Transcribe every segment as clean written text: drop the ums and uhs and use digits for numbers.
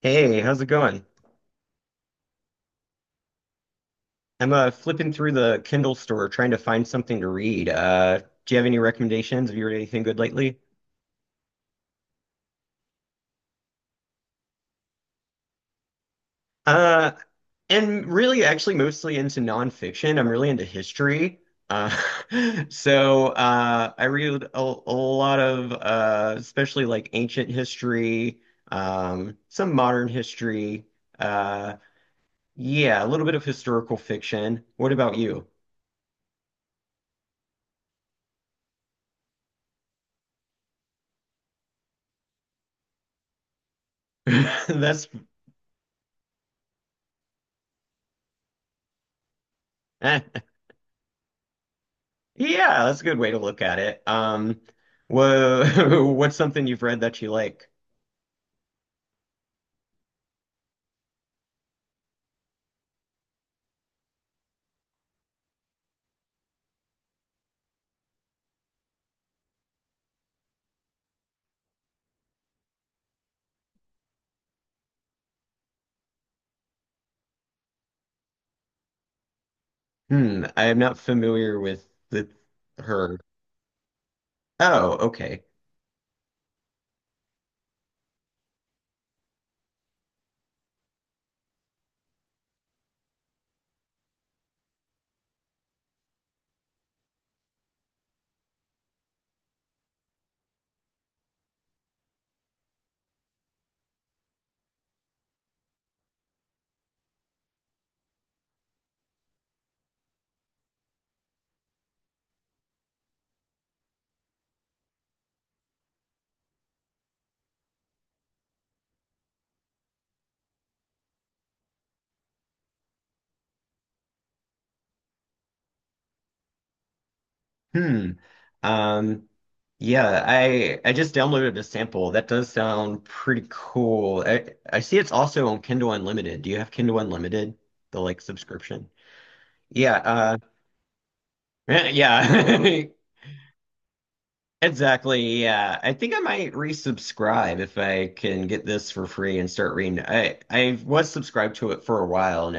Hey, how's it going? I'm flipping through the Kindle store trying to find something to read. Do you have any recommendations? Have you read anything good lately? Uh, and really, actually, mostly into nonfiction. I'm really into history. Uh, so I read a lot of, especially like ancient history, some modern history. Uh, yeah, a little bit of historical fiction. What about you? That's Yeah, that's a good way to look at it. What's something you've read that you like? Hmm, I am not familiar with the her. Oh, okay. Hmm. Um, yeah, I just downloaded a sample. That does sound pretty cool. I see it's also on Kindle Unlimited. Do you have Kindle Unlimited, the like subscription? Yeah, yeah. Exactly. Yeah. I think I might resubscribe if I can get this for free and start reading. I was subscribed to it for a while and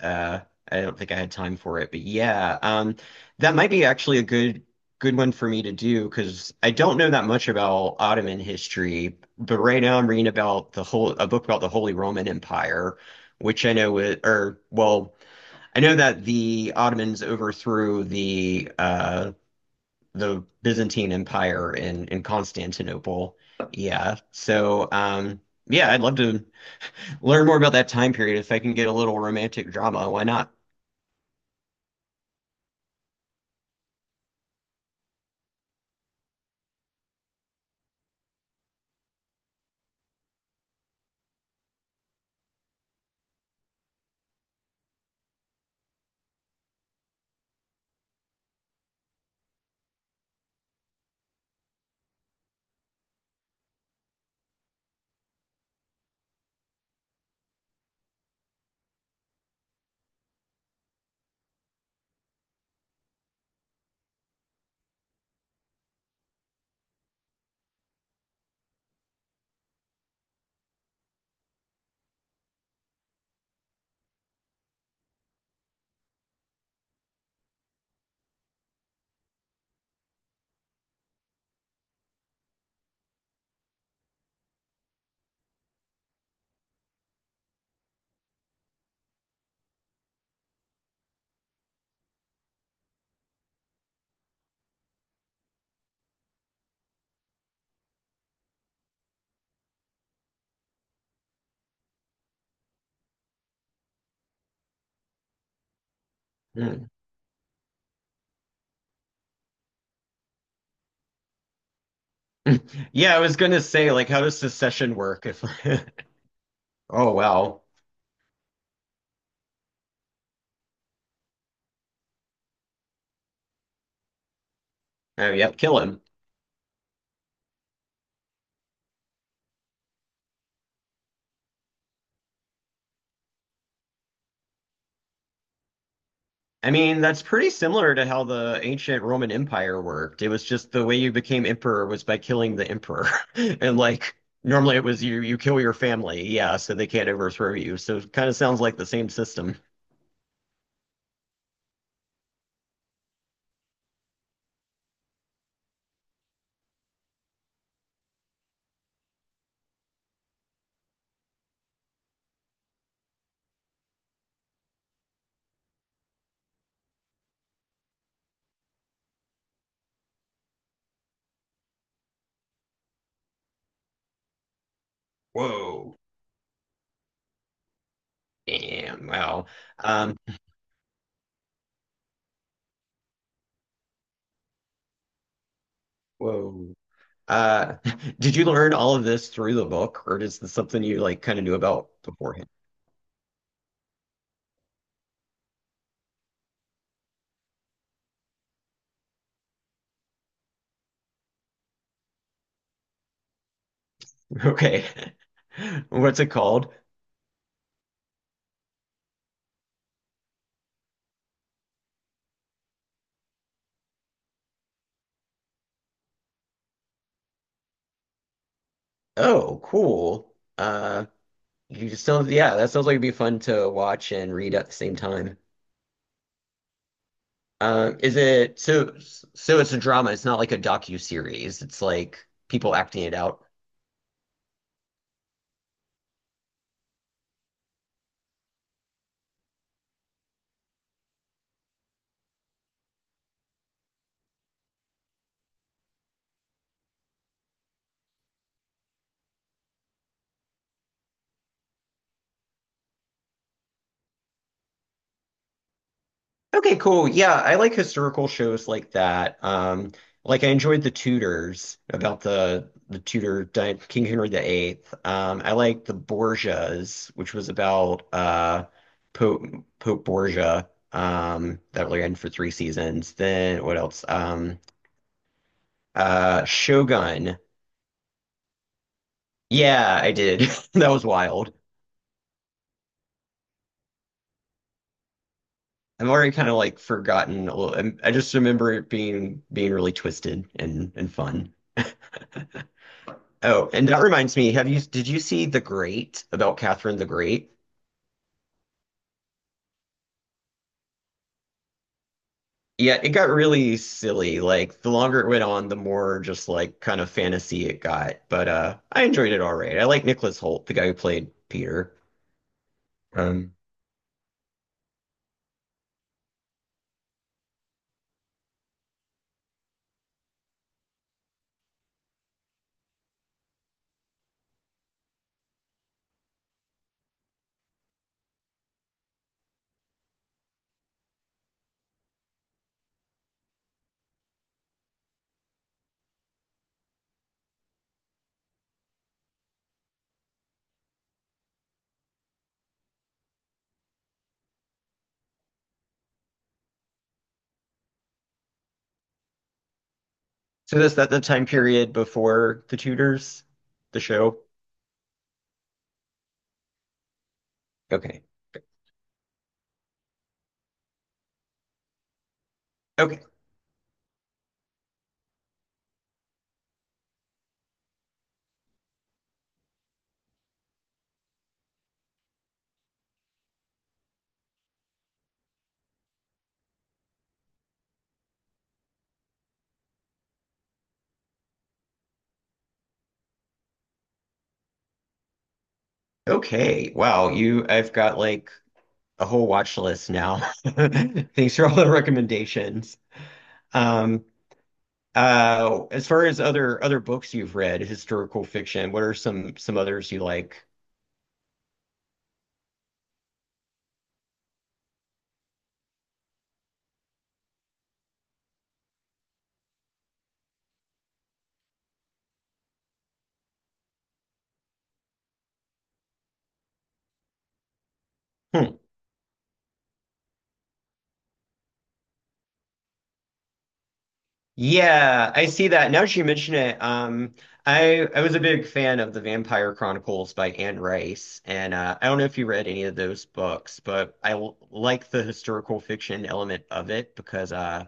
I I don't think I had time for it. But yeah, that might be actually a good one for me to do because I don't know that much about Ottoman history, but right now I'm reading about the whole a book about the Holy Roman Empire, which I know it, or well, I know that the Ottomans overthrew the Byzantine Empire in Constantinople. Yeah. So, yeah, I'd love to learn more about that time period if I can get a little romantic drama. Why not? Hmm. Yeah, I was gonna say, like, how does secession work? If oh well, oh yep, kill him. I mean, that's pretty similar to how the ancient Roman Empire worked. It was just the way you became emperor was by killing the emperor, and like normally it was you kill your family, yeah, so they can't overthrow you. So it kind of sounds like the same system. Whoa. Damn. Wow. Um, whoa. Uh, did you learn all of this through the book, or is this something you like kind of knew about beforehand? Okay. What's it called? Oh, cool. You just sounds yeah, that sounds like it'd be fun to watch and read at the same time. Is it so? So it's a drama. It's not like a docu-series. It's like people acting it out. Okay, cool. Yeah, I like historical shows like that. Like I enjoyed The Tudors about the King Henry the Eighth. I like The Borgias, which was about Pope Pope Borgia. That ran for three seasons. Then what else? Shogun. Yeah, I did. That was wild. I've already kind of like forgotten a little. I just remember it being really twisted and fun. Oh, and that reminds me, have you did you see The Great about Catherine the Great? Yeah, it got really silly. Like the longer it went on, the more just like kind of fantasy it got. But I enjoyed it all right. I like Nicholas Hoult, the guy who played Peter. Um so that's that the time period before The Tudors, the show? Okay. Okay. Okay. Wow, you I've got like a whole watch list now. Thanks for all the recommendations. Um as far as other books you've read, historical fiction, what are some others you like? Hmm. Yeah, I see that. Now that you mention it, I was a big fan of The Vampire Chronicles by Anne Rice, and I don't know if you read any of those books, but like the historical fiction element of it because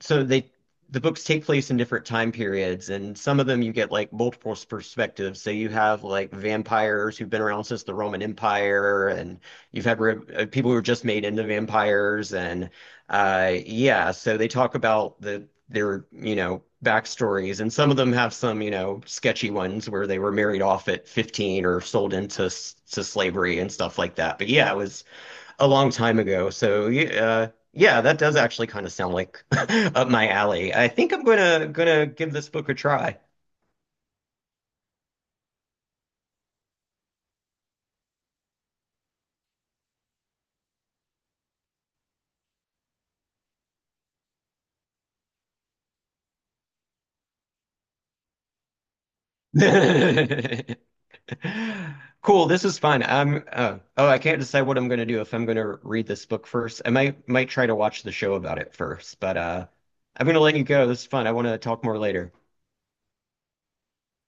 so they the books take place in different time periods, and some of them you get like multiple perspectives. So you have like vampires who've been around since the Roman Empire, and you've had re people who are just made into vampires, and yeah, so they talk about the their you know backstories, and some of them have some you know sketchy ones where they were married off at 15 or sold into to slavery and stuff like that. But yeah, it was a long time ago. So yeah, yeah, that does actually kind of sound like up my alley. I think I'm gonna give this book a try. Cool, this is fun. I'm oh, I can't decide what I'm gonna do if I'm gonna read this book first. I might try to watch the show about it first, but I'm gonna let you go. This is fun. I want to talk more later.